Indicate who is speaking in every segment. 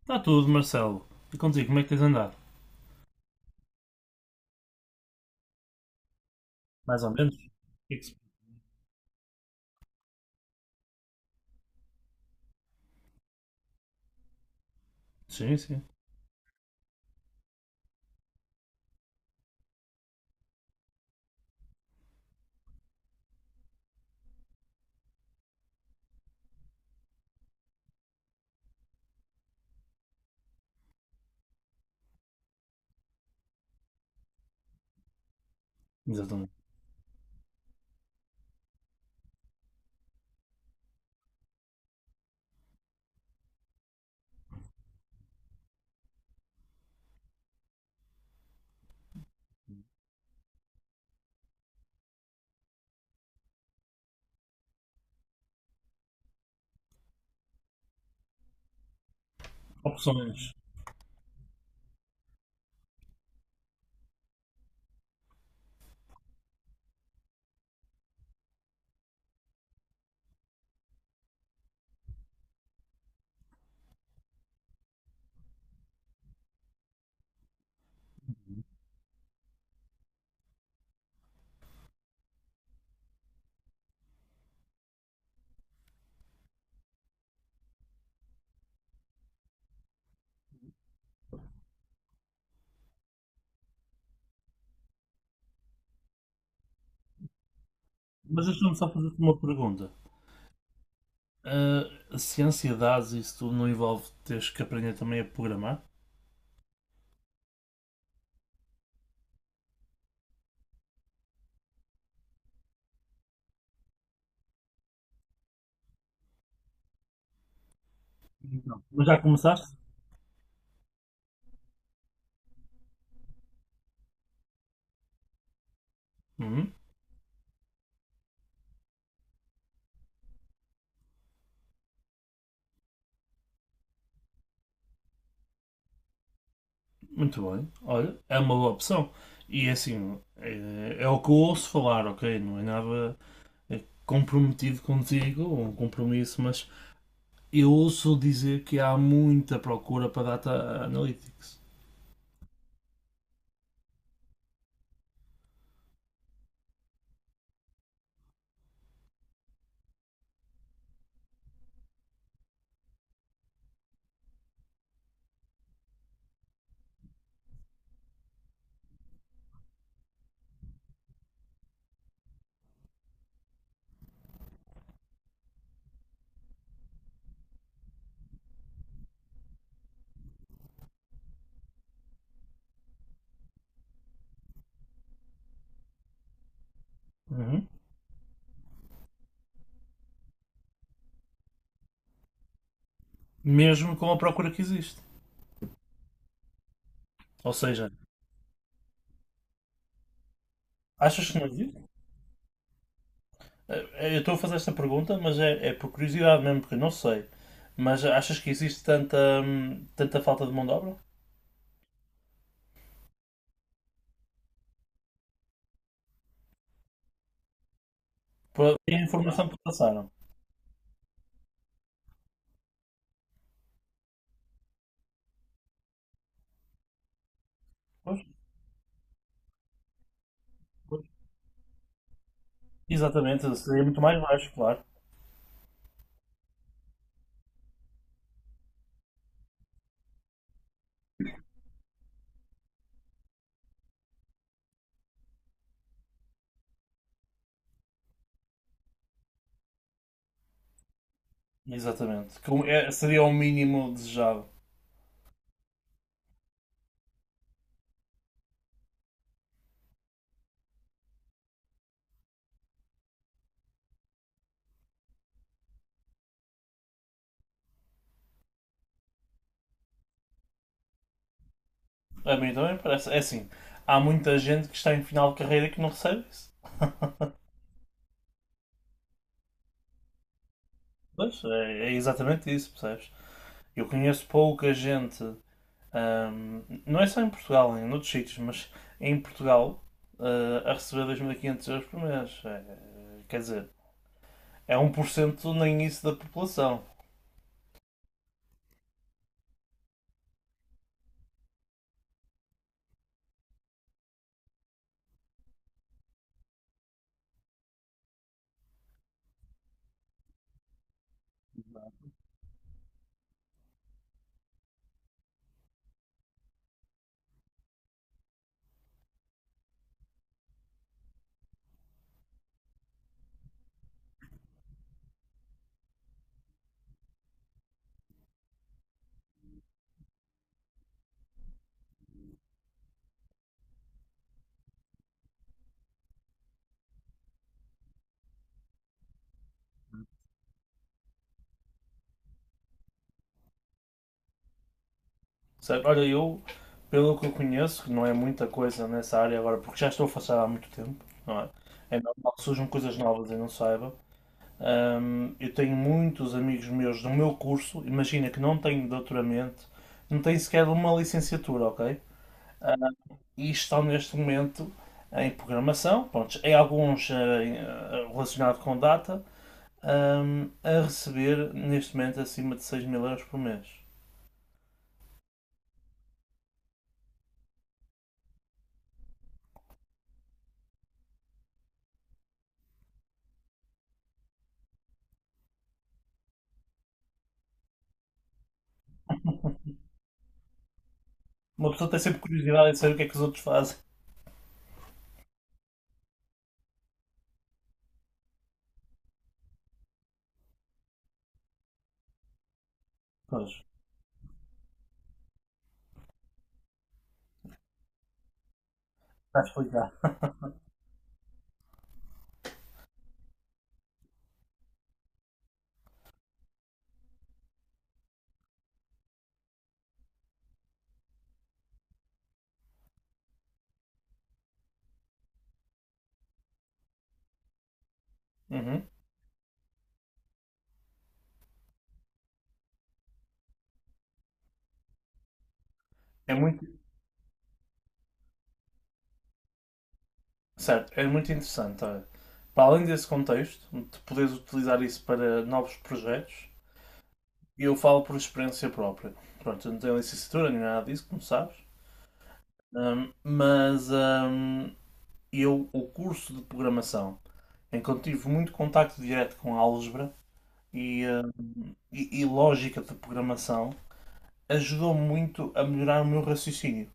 Speaker 1: Está tudo, Marcelo. E contigo, como é que tens andado? Mais ou menos? O que é que se- Sim, sim. Exatamente. Opções. Mas deixa-me só fazer-te uma pergunta. Ah, se ansiedades, isso tudo não envolve teres que aprender também a programar? Não. Mas já começaste? Uhum. Muito bem. Olha, é uma boa opção. E é assim, é o que eu ouço falar, ok? Não é nada é, comprometido contigo, ou um compromisso, mas eu ouço dizer que há muita procura para data analytics. Uhum. Mesmo com a procura que existe. Ou seja, achas que não existe? Eu estou a fazer esta pergunta, mas é por curiosidade mesmo, porque eu não sei. Mas achas que existe tanta falta de mão de obra? E a informação que passaram? Pois, pois. Exatamente, seria muito mais baixo, claro. Exatamente. Seria o mínimo desejado. A mim também parece. É assim, há muita gente que está em final de carreira que não recebe isso. Pois, é exatamente isso, percebes? Eu conheço pouca gente não é só em Portugal, em outros sítios, mas em Portugal, a receber 2.500 euros por mês. É, quer dizer, é 1% nem isso da população. Certo? Olha, eu, pelo que eu conheço, que não é muita coisa nessa área agora, porque já estou afastado há muito tempo, não é? É normal que surjam coisas novas e não saiba. Eu tenho muitos amigos meus do meu curso, imagina que não têm doutoramento, não têm sequer uma licenciatura, ok? E estão neste momento em programação, pronto, em alguns relacionados com data, a receber neste momento acima de 6.000 euros por mês. Uma pessoa tem sempre curiosidade em saber o que é que os outros fazem. Pois, está a explicar. Uhum. É muito, certo, é muito interessante. Olha. Para além desse contexto, de poderes utilizar isso para novos projetos, eu falo por experiência própria. Pronto, eu não tenho licenciatura nem nada disso, como sabes. Mas eu, o curso de programação, em que eu tive muito contacto direto com álgebra e, uh, e lógica de programação, ajudou muito a melhorar o meu raciocínio,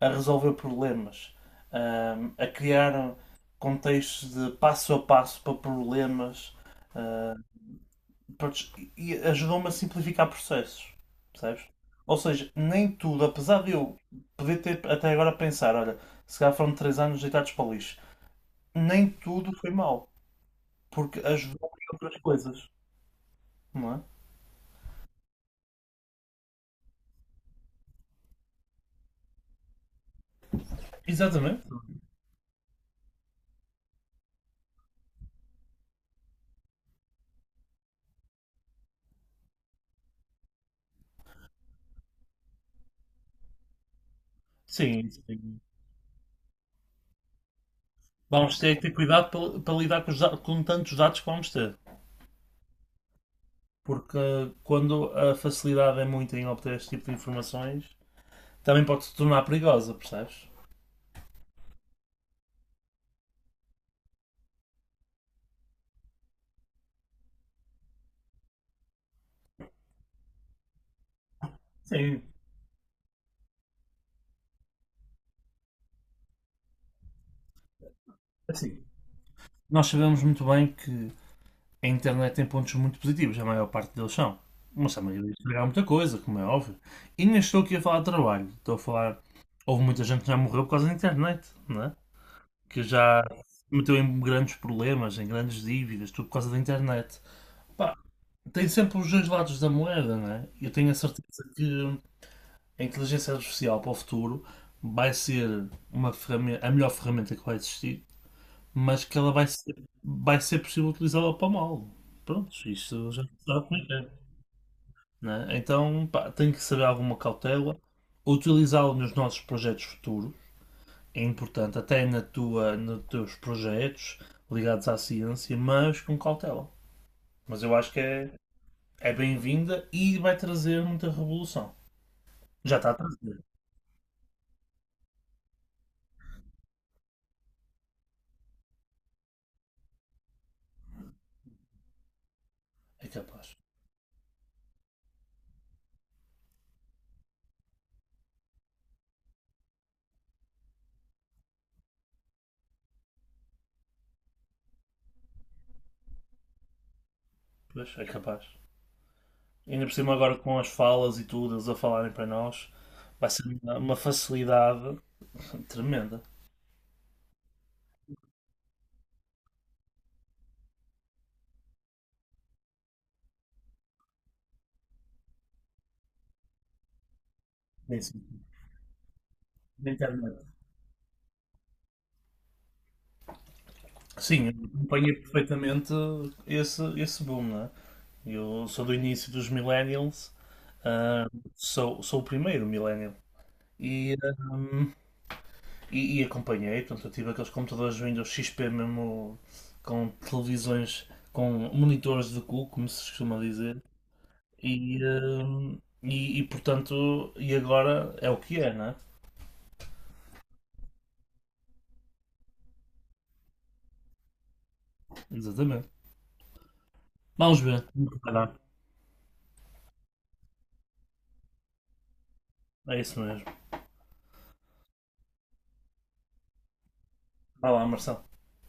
Speaker 1: a resolver problemas, a criar contextos de passo a passo para problemas uh, para, e ajudou-me a simplificar processos, percebes? Ou seja, nem tudo, apesar de eu poder ter até agora a pensar, olha, se calhar foram 3 anos deitados para o lixo, nem tudo foi mal porque ajudou em outras coisas, não é? Exatamente. Sim, sim. Vamos ter que ter cuidado para lidar com tantos dados que vamos ter. Porque quando a facilidade é muito em obter este tipo de informações, também pode se tornar perigosa, percebes? Sim, assim. Nós sabemos muito bem que a internet tem pontos muito positivos, a maior parte deles são. Mas a maioria estragaram muita coisa, como é óbvio. E nem estou aqui a falar de trabalho, estou a falar. Houve muita gente que já morreu por causa da internet, não é? Que já se meteu em grandes problemas, em grandes dívidas, tudo por causa da internet. Pá, tem sempre os dois lados da moeda, né? Eu tenho a certeza que a inteligência artificial para o futuro vai ser uma ferramenta, a melhor ferramenta que vai existir, mas que ela vai ser possível utilizá-la para o mal. Pronto, isto já sabe como é que é. Né? Então, pá, tem que ser alguma cautela, utilizá-la nos nossos projetos futuros é importante, até na tua, nos teus projetos ligados à ciência, mas com cautela. Mas eu acho que é bem-vinda e vai trazer muita revolução. Já está a trazer. É capaz. Pois, é capaz. Ainda por cima agora com as falas e tudo, eles a falarem para nós, vai ser uma, facilidade tremenda. Bem, sim, na internet. Sim, acompanha perfeitamente esse boom, né? Eu sou do início dos millennials, ah, sou o primeiro millennial. E, ahm, e acompanhei, portanto, eu tive aqueles computadores Windows XP mesmo com televisões, com monitores de cu, como se costuma dizer. E, portanto, e agora é o que é, né? Exatamente. Vamos ver. Vamos ver. É isso mesmo. Vá lá, Marcelo.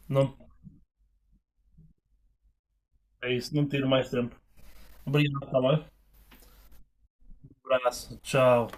Speaker 1: Não, é isso, não tiro mais tempo. Obrigado, tá bem? Um abraço. Tchau.